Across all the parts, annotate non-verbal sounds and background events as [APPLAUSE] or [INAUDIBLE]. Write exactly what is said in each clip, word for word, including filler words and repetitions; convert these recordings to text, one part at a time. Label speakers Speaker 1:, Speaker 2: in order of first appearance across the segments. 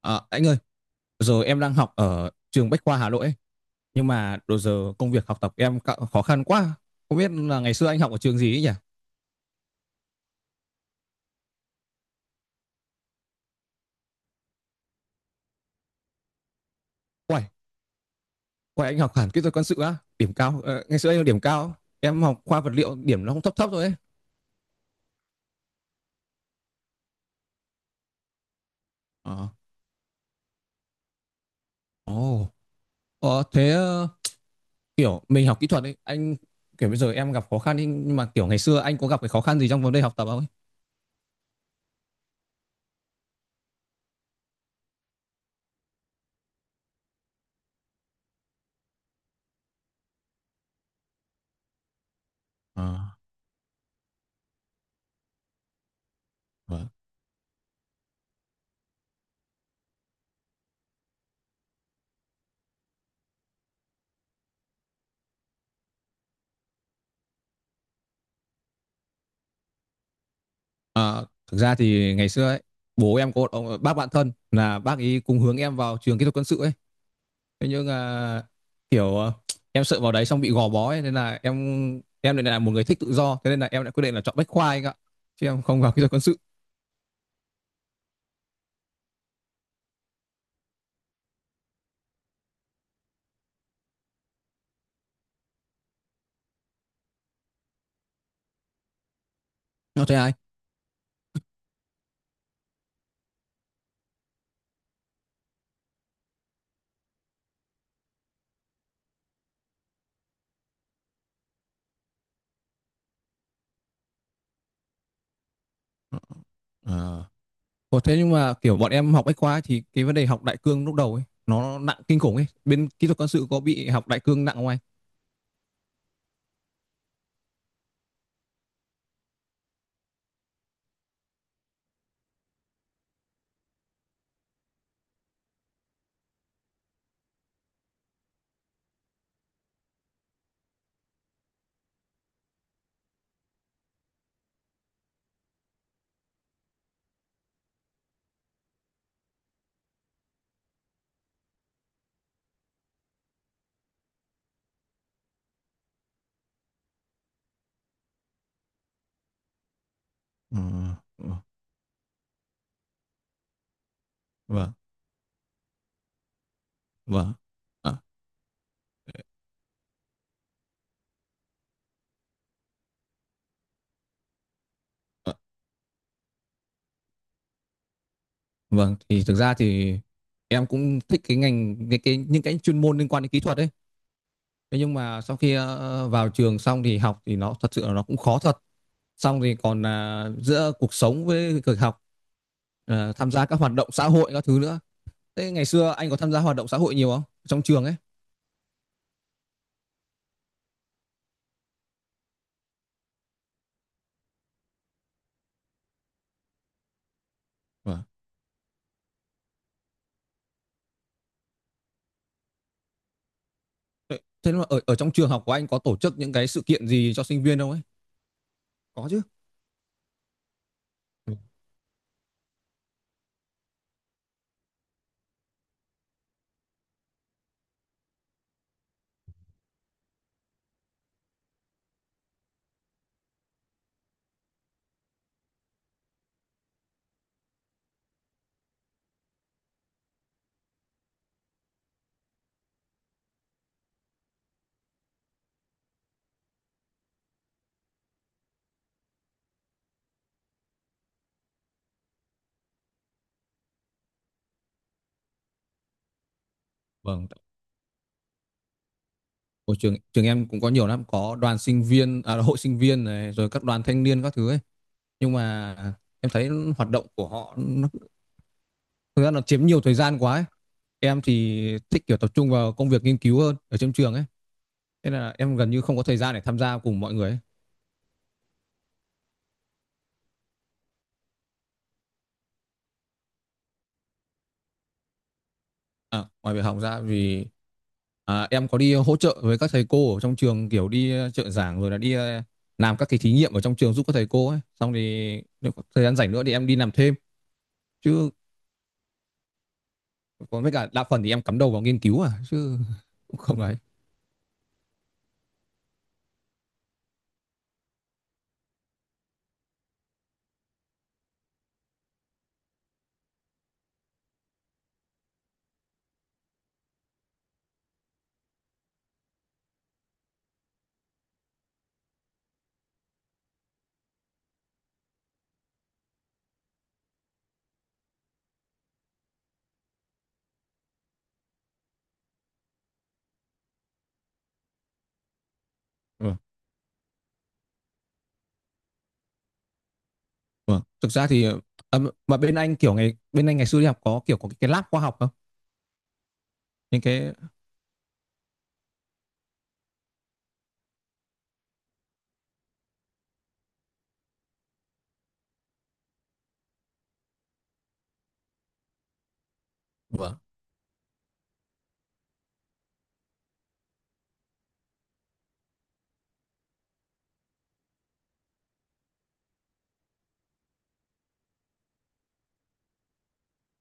Speaker 1: À, anh ơi, giờ em đang học ở trường Bách khoa Hà Nội ấy, nhưng mà đồ giờ công việc học tập em cạ- khó khăn quá. Không biết là ngày xưa anh học ở trường gì ấy nhỉ? Quay, quay anh học hẳn kỹ thuật quân sự á, điểm cao. Ờ, Ngày xưa anh điểm cao, em học khoa vật liệu điểm nó cũng thấp thấp rồi ấy. Ờ, ồ, ờ, thế ờ, kiểu mình học kỹ thuật ấy, anh kiểu bây giờ em gặp khó khăn ấy, nhưng mà kiểu ngày xưa anh có gặp cái khó khăn gì trong vấn đề học tập không ấy? Ờ, vâng. Ờ, Thực ra thì ngày xưa ấy, bố em có một ông bác bạn thân là bác ấy cùng hướng em vào trường kỹ thuật quân sự ấy. Thế nhưng à, kiểu à, em sợ vào đấy xong bị gò bó ấy, nên là em em lại là một người thích tự do thế nên là em đã quyết định là chọn Bách Khoa anh ạ chứ em không vào [LAUGHS] kỹ thuật quân sự. Nó thế ai. Ờ. Ủa, thế nhưng mà kiểu bọn em học Bách Khoa ấy, thì cái vấn đề học đại cương lúc đầu ấy nó nặng kinh khủng ấy bên kỹ thuật quân sự có bị học đại cương nặng không anh? Ờ, ờ, vâng vâng. À, à, vâng. Thì thực ra thì em cũng thích cái ngành cái, cái những cái chuyên môn liên quan đến kỹ thuật ấy. Thế nhưng mà sau khi ờ, vào trường xong thì học thì nó thật sự là nó cũng khó thật. Xong thì còn là giữa cuộc sống với việc học ờ, tham gia các hoạt động xã hội các thứ nữa. Thế ngày xưa anh có tham gia hoạt động xã hội nhiều không? Trong trường ấy. Vâng. Thế thế mà ở ở trong trường học của anh có tổ chức những cái sự kiện gì cho sinh viên không ấy? Có chứ. Ừ. Vâng. Ở trường trường em cũng có nhiều lắm, có đoàn sinh viên, à, hội sinh viên này, rồi các đoàn thanh niên các thứ ấy. Nhưng mà em thấy hoạt động của họ nó thực ra nó chiếm nhiều thời gian quá ấy. Em thì thích kiểu tập trung vào công việc nghiên cứu hơn ở trong trường ấy. Thế là em gần như không có thời gian để tham gia cùng mọi người ấy. À, ngoài việc học ra vì à, em có đi hỗ trợ với các thầy cô ở trong trường kiểu đi ờ, trợ giảng rồi là đi ờ, làm các cái thí nghiệm ở trong trường giúp các thầy cô ấy. Xong thì nếu có thời gian rảnh nữa thì em đi làm thêm. Chứ còn với cả đa phần thì em cắm đầu vào nghiên cứu à chứ [LAUGHS] cũng không ấy. Ừ. Ừ. Thực ra thì ờ, mà bên anh kiểu ngày bên anh ngày xưa đi học có kiểu có cái, cái lab khoa học không? Những cái.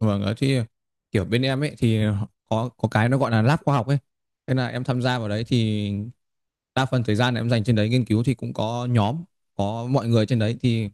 Speaker 1: Vâng, ở thì kiểu bên em ấy thì có có cái nó gọi là lab khoa học ấy. Thế là em tham gia vào đấy thì đa phần thời gian em dành trên đấy nghiên cứu thì cũng có nhóm, có mọi người trên đấy thì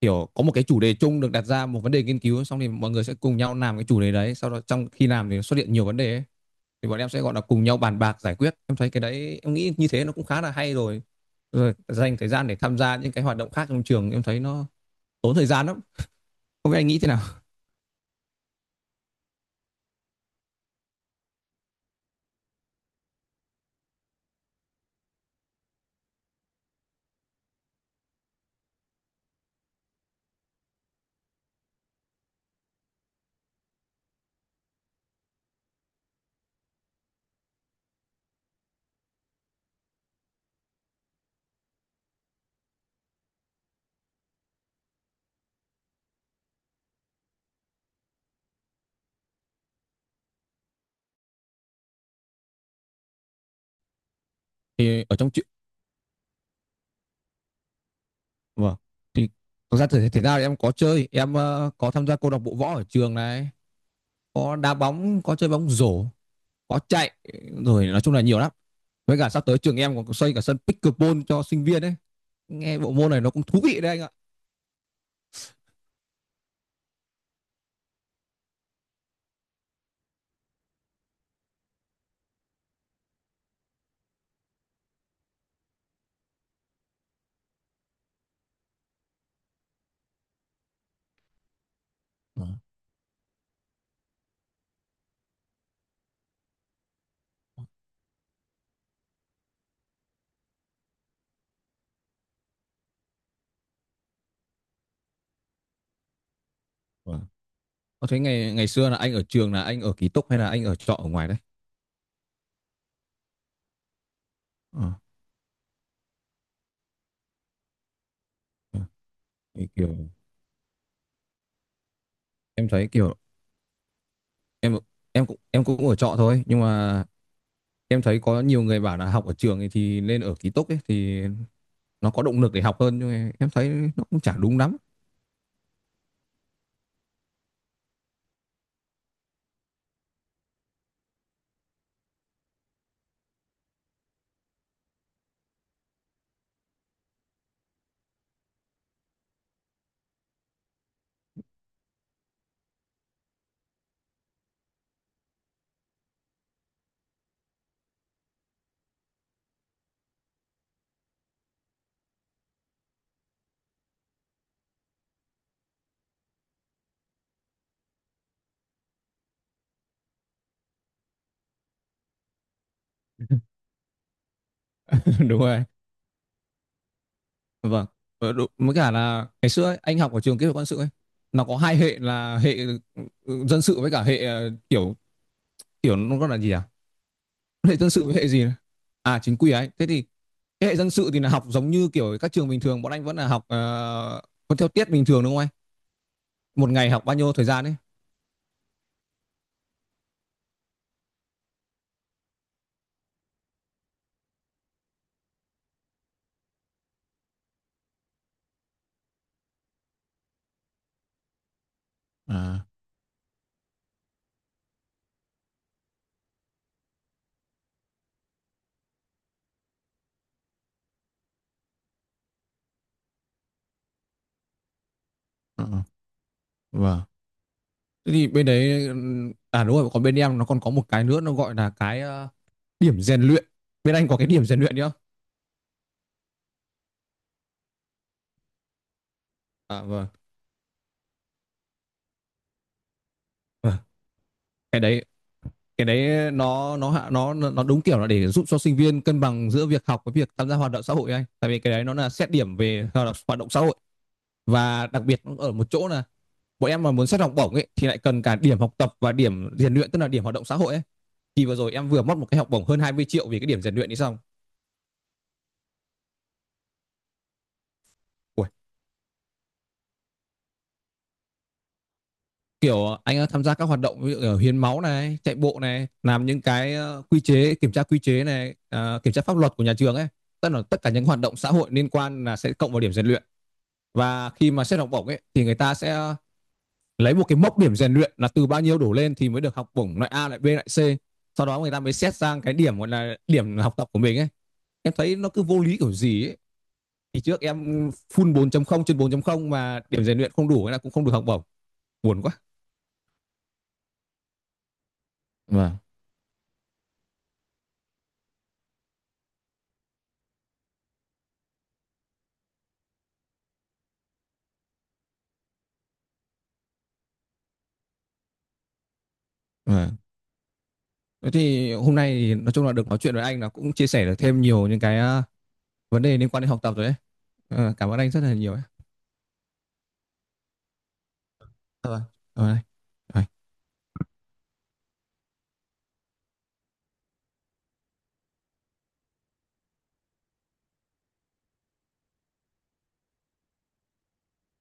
Speaker 1: kiểu có một cái chủ đề chung được đặt ra một vấn đề nghiên cứu xong thì mọi người sẽ cùng nhau làm cái chủ đề đấy, sau đó trong khi làm thì xuất hiện nhiều vấn đề ấy. Thì bọn em sẽ gọi là cùng nhau bàn bạc giải quyết. Em thấy cái đấy em nghĩ như thế nó cũng khá là hay rồi. Rồi dành thời gian để tham gia những cái hoạt động khác trong trường em thấy nó tốn thời gian lắm. Không biết anh nghĩ thế nào? Thì ở trong tr- Vâng. Thì thực ra thể, thể thao thì em có chơi, em ờ, có tham gia câu lạc bộ võ ở trường này, có đá bóng, có chơi bóng rổ, có chạy, rồi nói chung là nhiều lắm. Với cả sắp tới trường em còn xây cả sân pickleball cho sinh viên đấy. Nghe bộ môn này nó cũng thú vị đấy anh ạ. Ờ, vâng. Có thấy ngày ngày xưa là anh ở trường là anh ở ký túc hay là anh ở trọ ở ngoài đấy? Ờ, ờ. Thì kiểu em thấy kiểu em em cũng em cũng ở trọ thôi, nhưng mà em thấy có nhiều người bảo là học ở trường thì nên ở ký túc ấy thì nó có động lực để học hơn nhưng mà em thấy nó cũng chả đúng lắm. [LAUGHS] Đúng rồi. Vâng. Ờ, đúng. Mới cả là ngày xưa ấy, anh học ở trường kỹ thuật quân sự ấy nó có hai hệ là hệ ừ, dân sự với cả hệ ờ, kiểu kiểu nó gọi là gì à? Hệ dân sự với hệ gì nhỉ? À chính quy ấy thế thì cái hệ dân sự thì là học giống như kiểu các trường bình thường bọn anh vẫn là học ờ, vẫn theo tiết bình thường đúng không anh, một ngày học bao nhiêu thời gian ấy? À ờ, ờ, vâng. Thế thì bên đấy ừ, à đúng rồi còn bên em nó còn có một cái nữa nó gọi là cái ờ, điểm rèn luyện, bên anh có cái điểm rèn luyện nữa. À vâng vâng. cái đấy cái đấy nó nó hạ nó nó đúng kiểu là để giúp cho sinh viên cân bằng giữa việc học với việc tham gia hoạt động xã hội ấy anh, tại vì cái đấy nó là xét điểm về hoạt động, hoạt động xã hội và đặc biệt ở một chỗ là bọn em mà muốn xét học bổng ấy thì lại cần cả điểm học tập và điểm rèn luyện tức là điểm hoạt động xã hội ấy, thì vừa rồi em vừa mất một cái học bổng hơn hai mươi triệu vì cái điểm rèn luyện đi xong. Ui, kiểu anh đã tham gia các hoạt động ví dụ ở hiến máu này chạy bộ này làm những cái ờ, quy chế kiểm tra quy chế này ờ, kiểm tra pháp luật của nhà trường ấy, tức là tất cả những hoạt động xã hội liên quan là sẽ cộng vào điểm rèn luyện, và khi mà xét học bổng ấy thì người ta sẽ lấy một cái mốc điểm rèn luyện là từ bao nhiêu đổ lên thì mới được học bổng loại A lại B lại C, sau đó người ta mới xét sang cái điểm gọi là điểm học tập của mình ấy. Em thấy nó cứ vô lý kiểu gì ấy, thì trước em full bốn chấm không trên bốn chấm không mà điểm rèn luyện không đủ hay là cũng không được học bổng, buồn quá. Vâng, vâng. Thế thì hôm nay thì nói chung là được nói chuyện với anh là cũng chia sẻ được thêm nhiều những cái à, vấn đề liên quan đến học tập rồi đấy. Ờ, cảm ơn anh rất là nhiều ấy. Ờ, Cảm anh. Rồi.